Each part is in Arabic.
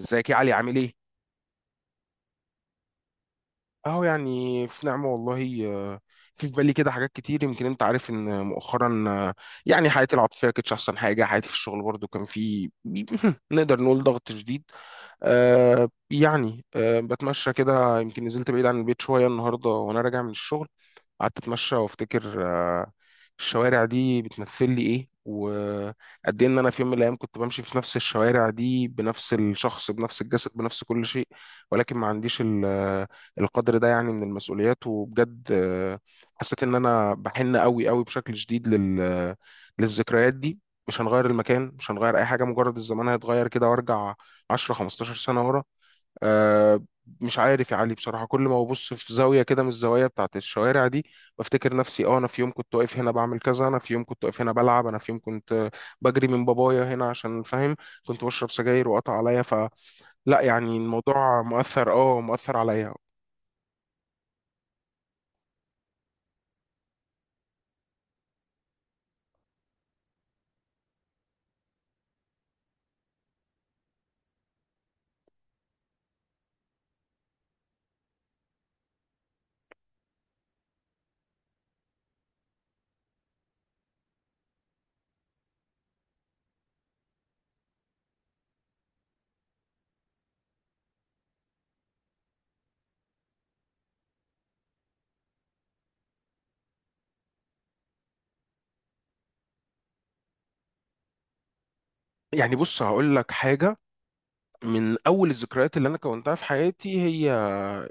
ازيك يا علي عامل ايه؟ اهو يعني في نعمة والله آه، في بالي كده حاجات كتير، يمكن انت عارف ان مؤخرا يعني حياتي العاطفية كانتش احسن حاجة. حياتي في الشغل برضو كان في نقدر نقول ضغط شديد. بتمشى كده. يمكن نزلت بعيد عن البيت شوية النهاردة، وانا راجع من الشغل قعدت اتمشى وافتكر الشوارع دي بتمثل لي ايه، وقد ايه ان انا في يوم من الايام كنت بمشي في نفس الشوارع دي بنفس الشخص بنفس الجسد بنفس كل شيء، ولكن ما عنديش القدر ده يعني من المسؤوليات. وبجد حسيت ان انا بحن قوي قوي بشكل شديد لل آه، للذكريات دي. مش هنغير المكان، مش هنغير اي حاجه، مجرد الزمان هيتغير كده وارجع 10 15 سنه ورا. آه، مش عارف يا علي بصراحة، كل ما ببص في زاوية كده من الزوايا بتاعت الشوارع دي بفتكر نفسي. اه، انا في يوم كنت واقف هنا بعمل كذا، انا في يوم كنت واقف هنا بلعب، انا في يوم كنت بجري من بابايا هنا، عشان فاهم كنت بشرب سجاير وقطع عليا. فلا يعني الموضوع مؤثر، اه مؤثر عليا. يعني بص هقول لك حاجة، من أول الذكريات اللي أنا كونتها في حياتي هي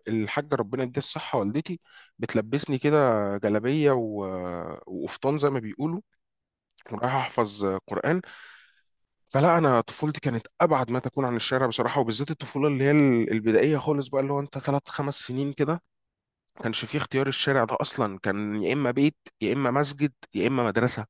الحاجة ربنا يديها الصحة والدتي بتلبسني كده جلابية وقفطان زي ما بيقولوا ورايح احفظ قرآن. فلا انا طفولتي كانت ابعد ما تكون عن الشارع بصراحه، وبالذات الطفوله اللي هي البدائيه خالص بقى، اللي هو انت 3 5 سنين كده كانش فيه اختيار. الشارع ده اصلا كان يا اما بيت يا اما مسجد يا اما مدرسه،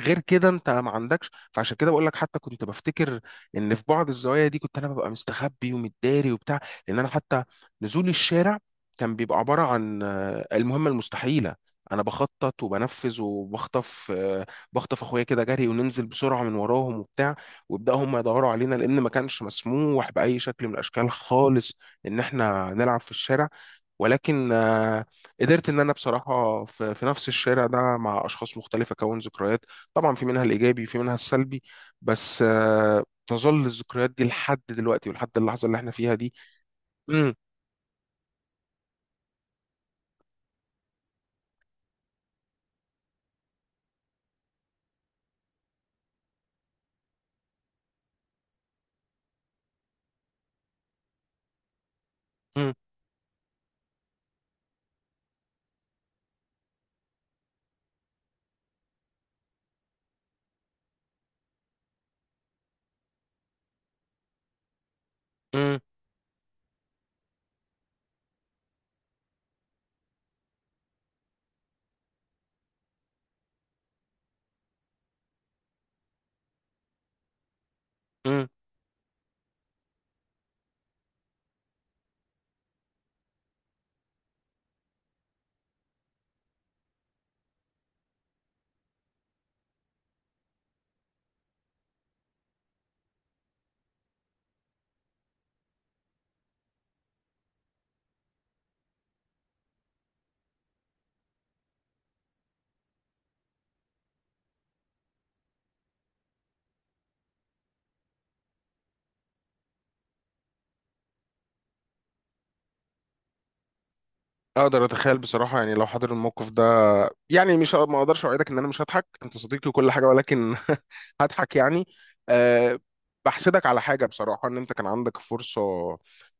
غير كده انت ما عندكش. فعشان كده بقول لك، حتى كنت بفتكر ان في بعض الزوايا دي كنت انا ببقى مستخبي ومتداري وبتاع، لان انا حتى نزول الشارع كان بيبقى عباره عن المهمه المستحيله. انا بخطط وبنفذ وبخطف بخطف اخويا كده جري، وننزل بسرعه من وراهم وبتاع، ويبداوا هم يدوروا علينا، لان ما كانش مسموح باي شكل من الاشكال خالص ان احنا نلعب في الشارع. ولكن قدرت ان انا بصراحه في نفس الشارع ده مع اشخاص مختلفه اكون ذكريات. طبعا في منها الايجابي في منها السلبي، بس تظل الذكريات دي لحد دلوقتي ولحد اللحظه اللي احنا فيها دي. مم، مم، مم، مم. اقدر اتخيل بصراحه. يعني لو حضر الموقف ده يعني مش ه- ما اقدرش اوعدك ان انا مش هضحك، انت صديقي وكل حاجه، ولكن هضحك يعني. أه، بحسدك على حاجه بصراحه، ان انت كان عندك فرصه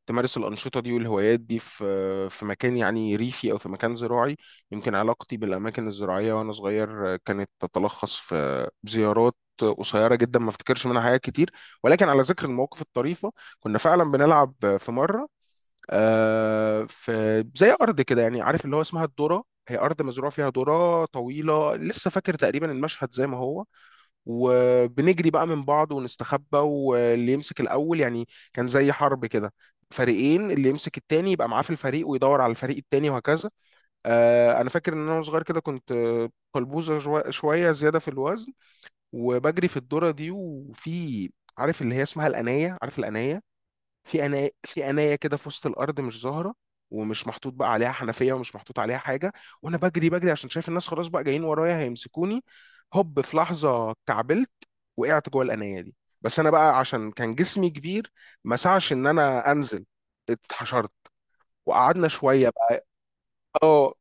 تمارس الانشطه دي والهوايات دي في مكان يعني ريفي او في مكان زراعي. يمكن علاقتي بالاماكن الزراعيه وانا صغير كانت تتلخص في زيارات قصيره جدا ما افتكرش منها حاجات كتير. ولكن على ذكر المواقف الطريفه، كنا فعلا بنلعب في مره، في زي ارض كده يعني، عارف اللي هو اسمها الذره، هي ارض مزروع فيها ذره طويله، لسه فاكر تقريبا المشهد زي ما هو. وبنجري بقى من بعض ونستخبى، واللي يمسك الاول يعني، كان زي حرب كده، فريقين، اللي يمسك التاني يبقى معاه في الفريق ويدور على الفريق التاني وهكذا. انا فاكر ان انا وأنا صغير كده كنت قلبوزه، شويه زياده في الوزن. وبجري في الذره دي، وفي، عارف اللي هي اسمها الانايه؟ عارف الانايه؟ في انايه كده في وسط الارض مش ظاهره، ومش محطوط بقى عليها حنفيه ومش محطوط عليها حاجه، وانا بجري بجري عشان شايف الناس خلاص بقى جايين ورايا هيمسكوني. هوب، في لحظه كعبلت، وقعت جوه الانايه دي. بس انا بقى عشان كان جسمي كبير ما سعش ان انا انزل، اتحشرت، وقعدنا شويه بقى. اه.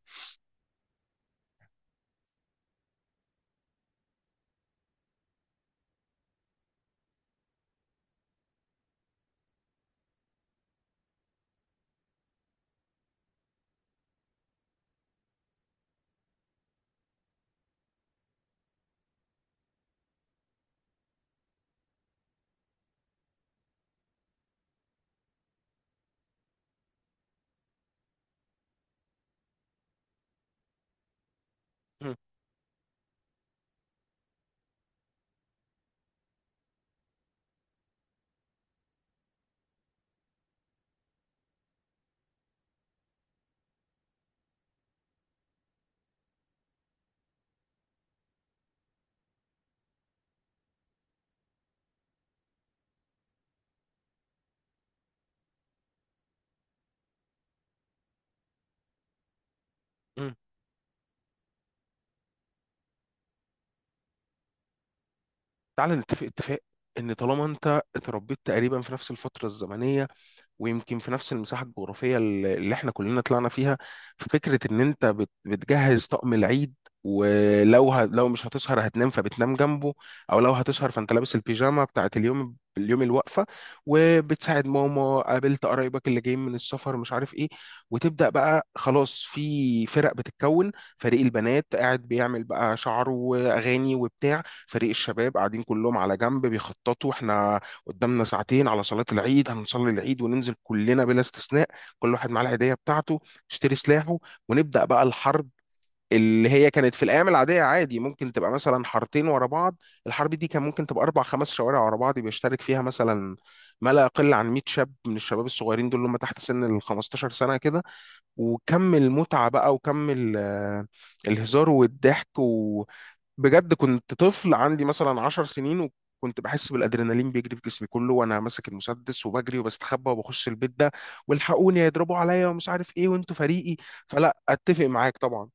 م- م. تعالى نتفق اتفاق، ان طالما انت اتربيت تقريبا في نفس الفتره الزمنيه، ويمكن في نفس المساحة الجغرافية اللي احنا كلنا طلعنا فيها. ففكرة ان انت بتجهز طقم العيد، لو مش هتسهر هتنام فبتنام جنبه، او لو هتسهر فانت لابس البيجامة بتاعت اليوم الوقفة. وبتساعد ماما، قابلت قرايبك اللي جايين من السفر مش عارف ايه، وتبدأ بقى خلاص في فرق بتتكون. فريق البنات قاعد بيعمل بقى شعره واغاني وبتاع، فريق الشباب قاعدين كلهم على جنب بيخططوا. احنا قدامنا ساعتين على صلاة العيد، هنصلي العيد وننزل كلنا بلا استثناء، كل واحد معاه العيدية بتاعته يشتري سلاحه، ونبدأ بقى الحرب. اللي هي كانت في الأيام العادية عادي ممكن تبقى مثلا حارتين ورا بعض، الحرب دي كان ممكن تبقى 4 5 شوارع ورا بعض، بيشترك فيها مثلا ما لا يقل عن 100 شاب من الشباب الصغيرين دول اللي هم تحت سن ال 15 سنة كده. وكم المتعة بقى، وكم الهزار والضحك و... بجد كنت طفل عندي مثلا 10 سنين، وكنت بحس بالادرينالين بيجري في جسمي كله وانا ماسك المسدس وبجري وبستخبى وبخش البيت ده، والحقوني هيضربوا عليا ومش عارف ايه وانتوا فريقي. فلا اتفق معاك طبعا.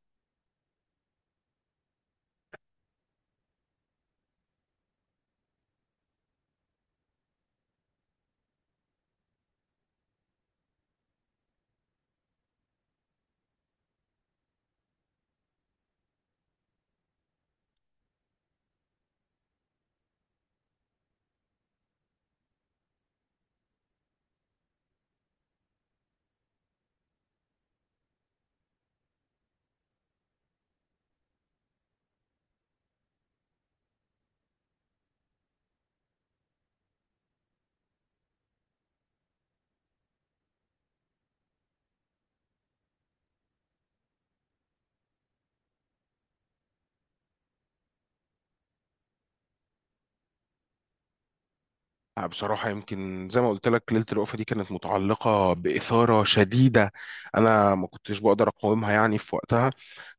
آه، بصراحة يمكن زي ما قلت لك ليلة الوقفة دي كانت متعلقة بإثارة شديدة أنا ما كنتش بقدر أقاومها يعني في وقتها.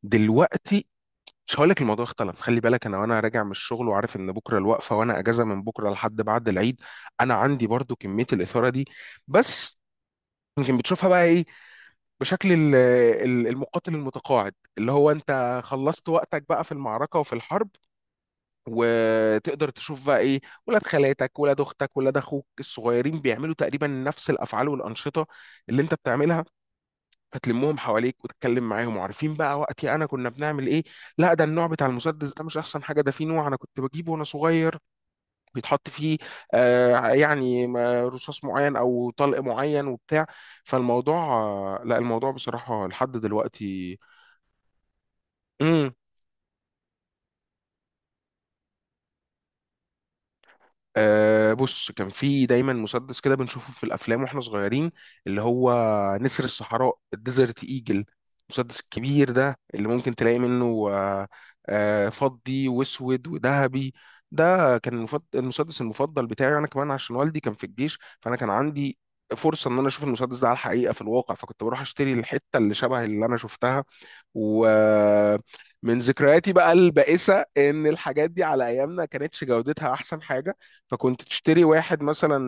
دلوقتي مش هقول لك الموضوع اختلف، خلي بالك أنا وأنا راجع من الشغل وعارف إن بكرة الوقفة، وأنا أجازة من بكرة لحد بعد العيد، أنا عندي برضو كمية الإثارة دي. بس يمكن بتشوفها بقى ايه، بشكل المقاتل المتقاعد، اللي هو انت خلصت وقتك بقى في المعركة وفي الحرب، وتقدر تشوف بقى ايه ولاد خالاتك ولاد اختك ولاد اخوك الصغيرين بيعملوا تقريبا نفس الافعال والانشطه اللي انت بتعملها، فتلمهم حواليك وتتكلم معاهم. وعارفين بقى وقتي انا كنا بنعمل ايه، لا ده النوع بتاع المسدس ده مش احسن حاجه، ده في نوع انا كنت بجيبه وانا صغير بيتحط فيه آه يعني رصاص معين او طلق معين وبتاع. فالموضوع لا الموضوع بصراحة لحد دلوقتي. امم، أه بص، كان في دايما مسدس كده بنشوفه في الافلام واحنا صغيرين، اللي هو نسر الصحراء، الديزرت ايجل، المسدس الكبير ده اللي ممكن تلاقي منه فضي واسود وذهبي. ده كان المسدس المفضل بتاعي، انا كمان عشان والدي كان في الجيش فانا كان عندي فرصة ان انا اشوف المسدس ده على الحقيقة في الواقع، فكنت بروح اشتري الحتة اللي شبه اللي انا شفتها. ومن ذكرياتي بقى البائسة إن الحاجات دي على أيامنا كانتش جودتها أحسن حاجة، فكنت تشتري واحد مثلا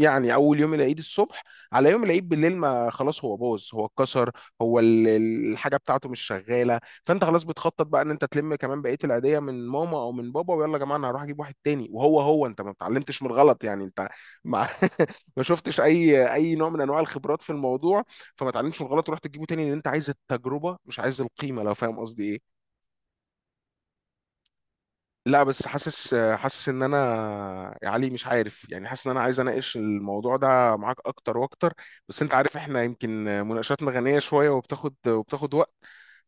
يعني أول يوم العيد الصبح، على يوم العيد بالليل ما خلاص هو باظ هو اتكسر، هو الحاجة بتاعته مش شغالة. فأنت خلاص بتخطط بقى إن أنت تلم كمان بقية العيدية من ماما أو من بابا، ويلا يا جماعة أنا هروح أجيب واحد تاني. وهو أنت ما اتعلمتش من الغلط يعني، أنت مع ما شفتش أي نوع من أنواع الخبرات في الموضوع، فما تعلمش من الغلط ورحت تجيبه تاني، لان انت عايز التجربه مش عايز القيمه، لو فاهم قصدي ايه. لا بس حاسس ان انا، يا علي مش عارف، يعني حاسس ان انا عايز اناقش الموضوع ده معاك اكتر واكتر، بس انت عارف احنا يمكن مناقشاتنا غنيه شويه وبتاخد وقت.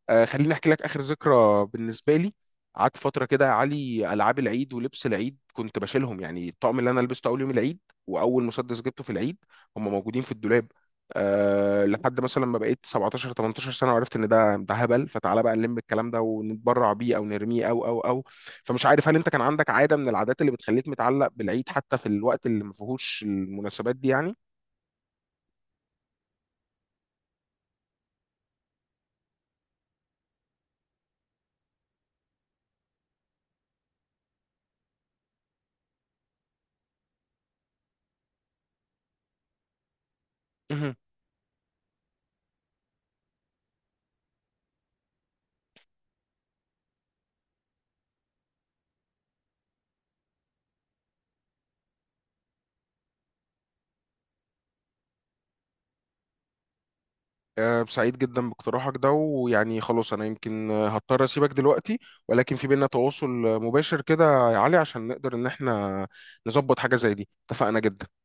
آه، خليني احكي لك اخر ذكرى بالنسبه لي. قعدت فتره كده يا علي العاب العيد ولبس العيد كنت بشيلهم، يعني الطقم اللي انا لبسته اول يوم العيد، واول مسدس جبته في العيد، هم موجودين في الدولاب. أه لحد مثلا ما بقيت 17 18 سنه وعرفت ان ده هبل. فتعالى بقى نلم الكلام ده ونتبرع بيه او نرميه او او. فمش عارف هل انت كان عندك عاده من العادات اللي بتخليك متعلق بالعيد حتى في الوقت اللي ما فيهوش المناسبات دي؟ يعني آه، سعيد جدا باقتراحك ده، ويعني خلاص انا يمكن هضطر اسيبك دلوقتي، ولكن في بينا تواصل مباشر كده يا علي، عشان نقدر ان احنا نظبط حاجة زي دي. اتفقنا جدا.